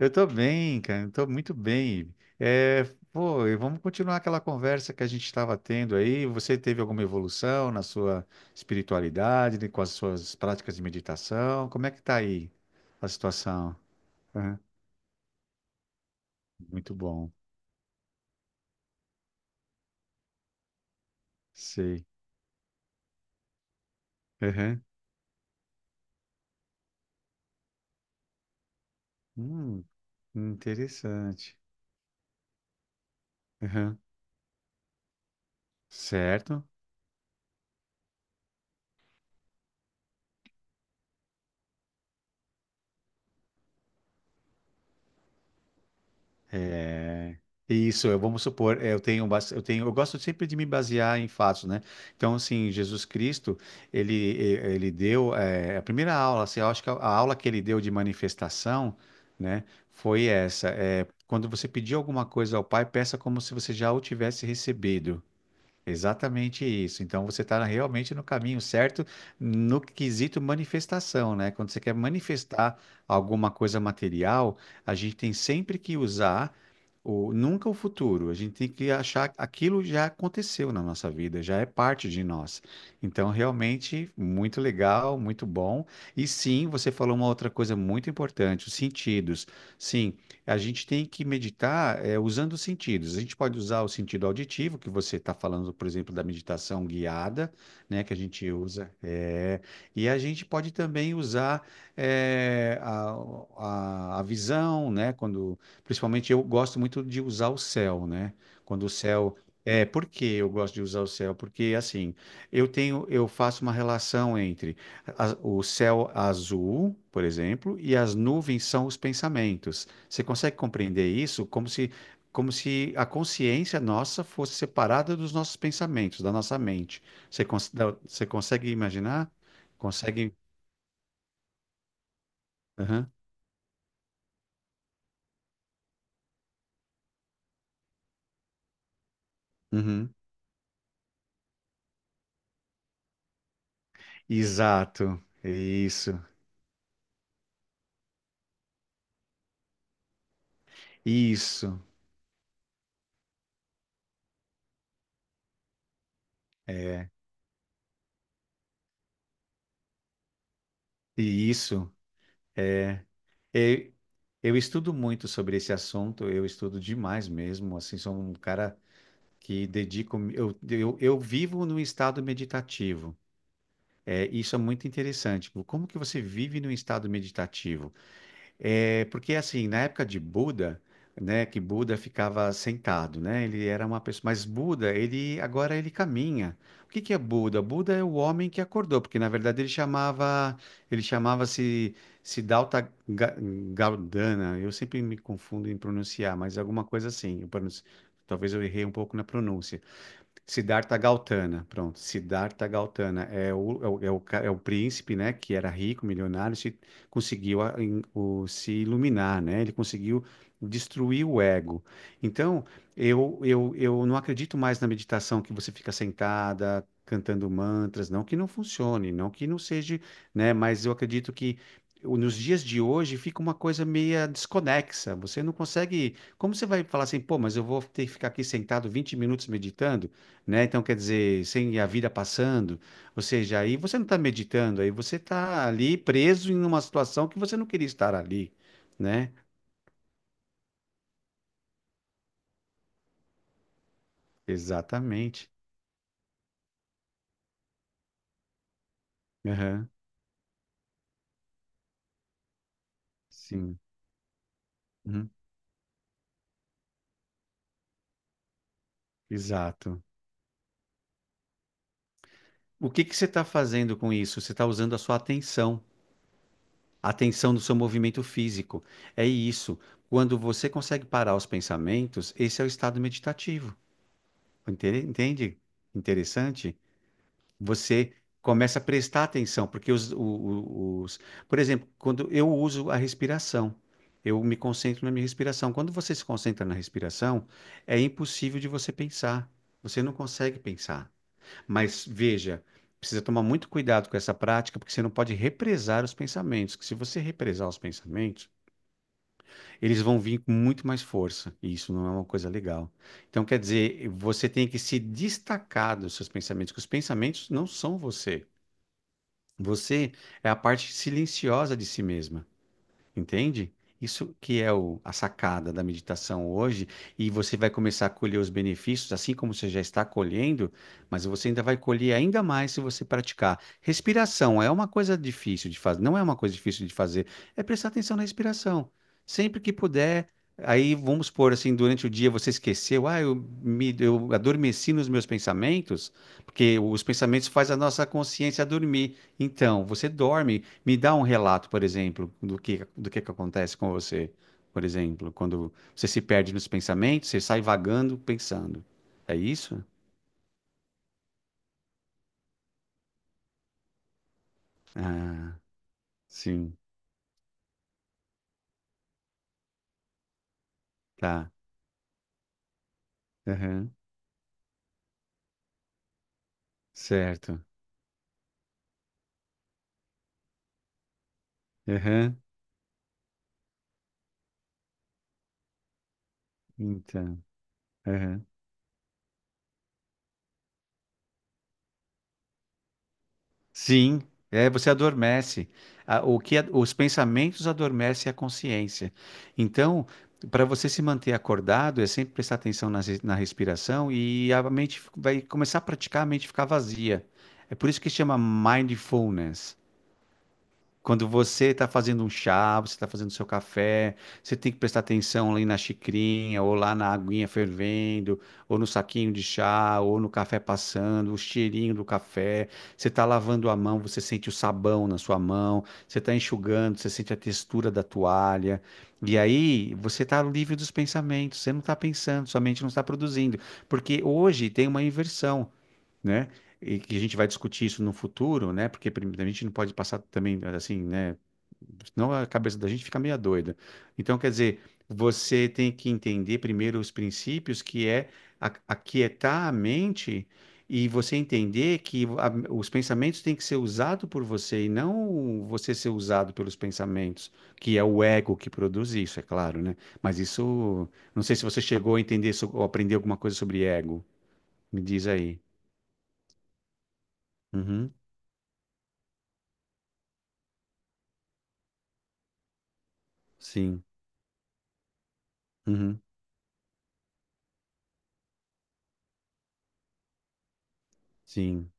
Eu tô bem, cara. Eu tô muito bem. É, pô, e vamos continuar aquela conversa que a gente estava tendo aí. Você teve alguma evolução na sua espiritualidade, né, com as suas práticas de meditação? Como é que tá aí a situação? Aham. Muito bom. Sei. Aham. Hum, interessante. Aham. Certo. É, isso, eu vamos supor, eu tenho, bas- eu tenho, eu gosto sempre de me basear em fatos, né? Então, assim, Jesus Cristo, ele deu, a primeira aula, assim, eu acho que a aula que ele deu de manifestação, né, foi essa, quando você pedir alguma coisa ao Pai, peça como se você já o tivesse recebido. Exatamente isso. Então você está realmente no caminho certo no quesito manifestação, né? Quando você quer manifestar alguma coisa material, a gente tem sempre que usar o nunca o futuro. A gente tem que achar aquilo já aconteceu na nossa vida, já é parte de nós. Então realmente muito legal, muito bom. E sim, você falou uma outra coisa muito importante, os sentidos. Sim, a gente tem que meditar usando os sentidos. A gente pode usar o sentido auditivo, que você está falando, por exemplo, da meditação guiada, né, que a gente usa. E a gente pode também usar é, a, a visão, né, quando, principalmente eu gosto muito de usar o céu, né, quando o céu por que eu gosto de usar o céu? Porque assim, eu faço uma relação entre o céu azul, por exemplo, e as nuvens são os pensamentos. Você consegue compreender isso como se a consciência nossa fosse separada dos nossos pensamentos, da nossa mente. Você consegue imaginar? Consegue? Aham, uhum. Exato. Isso. Isso. É. E isso. Eu, eu estudo muito sobre esse assunto, eu estudo demais mesmo. Assim, sou um cara que dedico. Eu vivo num estado meditativo. É, isso é muito interessante. Como que você vive num estado meditativo? É, porque assim, na época de Buda, né, que Buda ficava sentado, né? Ele era uma pessoa, mas Buda, ele agora ele caminha. O que que é Buda? Buda é o homem que acordou, porque na verdade ele chamava-se Siddhartha Gaudana. Eu sempre me confundo em pronunciar, mas alguma coisa assim. Talvez eu errei um pouco na pronúncia. Siddhartha Gautama, pronto. Siddhartha Gautama é o, é o, é o, ca- é o príncipe, né, que era rico, milionário, se conseguiu se iluminar, né? Ele conseguiu destruir o ego. Então, eu não acredito mais na meditação que você fica sentada cantando mantras, não que não funcione, não que não seja, né, mas eu acredito que nos dias de hoje fica uma coisa meia desconexa. Você não consegue. Como você vai falar assim, pô, mas eu vou ter que ficar aqui sentado 20 minutos meditando? Né? Então, quer dizer, sem a vida passando, ou seja, aí você não está meditando, aí você está ali preso em uma situação que você não queria estar ali, né? Exatamente. Aham. Sim. Uhum. Exato. O que que você está fazendo com isso? Você está usando a sua atenção, a atenção do seu movimento físico. É isso. Quando você consegue parar os pensamentos, esse é o estado meditativo. Entende? Entende? Interessante? Você começa a prestar atenção, porque os, por exemplo, quando eu uso a respiração, eu me concentro na minha respiração. Quando você se concentra na respiração, é impossível de você pensar. Você não consegue pensar. Mas veja, precisa tomar muito cuidado com essa prática, porque você não pode represar os pensamentos, que se você represar os pensamentos, eles vão vir com muito mais força, e isso não é uma coisa legal. Então, quer dizer, você tem que se destacar dos seus pensamentos, que os pensamentos não são você. Você é a parte silenciosa de si mesma. Entende? Isso que é a sacada da meditação hoje, e você vai começar a colher os benefícios, assim como você já está colhendo, mas você ainda vai colher ainda mais se você praticar. Respiração é uma coisa difícil de fazer, não é uma coisa difícil de fazer, é prestar atenção na respiração. Sempre que puder, aí vamos supor assim, durante o dia você esqueceu, eu adormeci nos meus pensamentos, porque os pensamentos fazem a nossa consciência dormir. Então, você dorme. Me dá um relato, por exemplo, do que que acontece com você, por exemplo, quando você se perde nos pensamentos, você sai vagando pensando. É isso? Ah, sim, tá. Aham, certo. Aham, então. Aham. Sim, você adormece. Os pensamentos adormecem a consciência. Então, para você se manter acordado, é sempre prestar atenção na respiração e vai começar a praticar a mente ficar vazia. É por isso que chama mindfulness. Quando você está fazendo um chá, você está fazendo seu café, você tem que prestar atenção ali na xicrinha, ou lá na aguinha fervendo, ou no saquinho de chá, ou no café passando, o cheirinho do café. Você está lavando a mão, você sente o sabão na sua mão, você está enxugando, você sente a textura da toalha. E aí você está livre dos pensamentos, você não está pensando, sua mente não está produzindo. Porque hoje tem uma inversão, né? E que a gente vai discutir isso no futuro, né? Porque a gente não pode passar também assim, né? Senão a cabeça da gente fica meio doida. Então, quer dizer, você tem que entender primeiro os princípios, que é aquietar a mente e você entender que os pensamentos têm que ser usados por você e não você ser usado pelos pensamentos, que é o ego que produz isso, é claro, né? Mas isso, não sei se você chegou a entender ou aprender alguma coisa sobre ego. Me diz aí. Uhum. Sim. Uhum. Sim.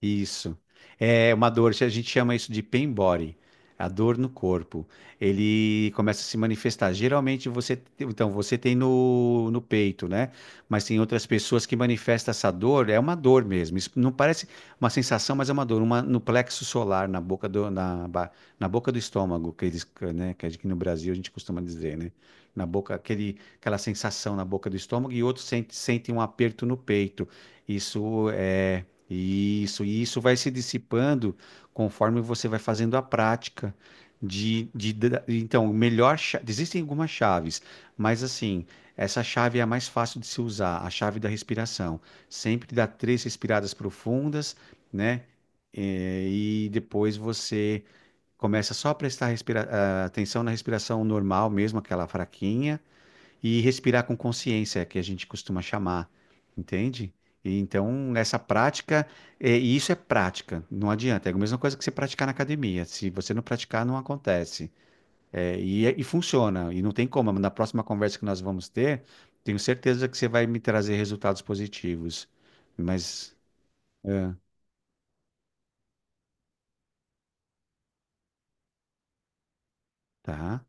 Isso. É uma dor, a gente chama isso de pain body, a dor no corpo. Ele começa a se manifestar. Então você tem no peito, né? Mas tem outras pessoas que manifestam essa dor, é uma dor mesmo. Isso não parece uma sensação, mas é uma dor, uma no plexo solar, na boca do estômago, que eles, né, que aqui no Brasil a gente costuma dizer, né? Na boca, aquela sensação na boca do estômago e outros sentem, um aperto no peito. Isso é isso, e isso vai se dissipando conforme você vai fazendo a prática então, melhor, existem algumas chaves, mas assim, essa chave é a mais fácil de se usar, a chave da respiração. Sempre dá três respiradas profundas, né? E, depois você começa só a prestar atenção na respiração normal mesmo, aquela fraquinha, e respirar com consciência, que a gente costuma chamar, entende? E então, essa prática, e isso é prática, não adianta. É a mesma coisa que você praticar na academia. Se você não praticar, não acontece. E funciona, e não tem como. Na próxima conversa que nós vamos ter, tenho certeza que você vai me trazer resultados positivos. Mas, é, tá.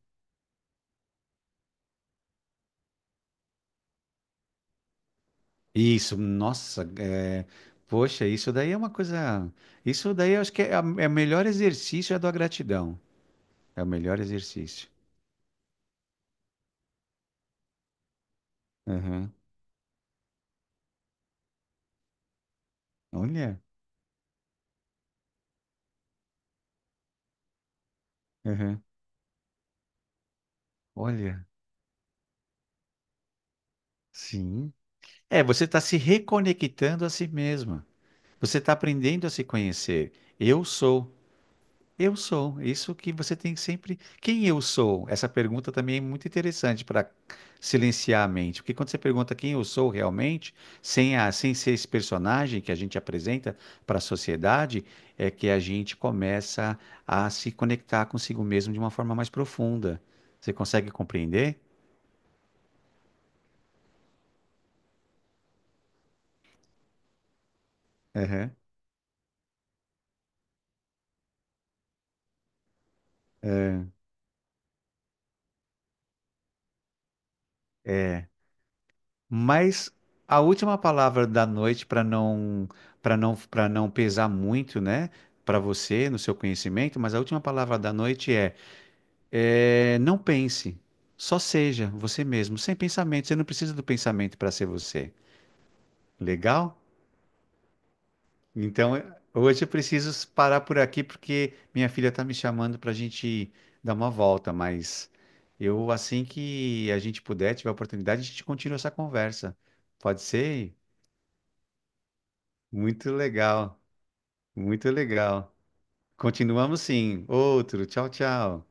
Isso, nossa, poxa, isso daí é uma coisa. Isso daí eu acho que é o melhor exercício é a da gratidão. É o melhor exercício. Aham. Olha, aham. Olha, sim. É, você está se reconectando a si mesma. Você está aprendendo a se conhecer. Eu sou, eu sou. Isso que você tem que sempre. Quem eu sou? Essa pergunta também é muito interessante para silenciar a mente, porque quando você pergunta quem eu sou realmente, sem ser esse personagem que a gente apresenta para a sociedade, é que a gente começa a se conectar consigo mesmo de uma forma mais profunda. Você consegue compreender? Aham. É, mas a última palavra da noite para não pesar muito, né, para você no seu conhecimento, mas a última palavra da noite é: não pense, só seja você mesmo, sem pensamento. Você não precisa do pensamento para ser você. Legal? Então, hoje eu preciso parar por aqui porque minha filha está me chamando para a gente dar uma volta, mas eu assim que a gente puder, tiver a oportunidade, a gente continua essa conversa. Pode ser? Muito legal, muito legal. Continuamos sim. Outro, tchau, tchau.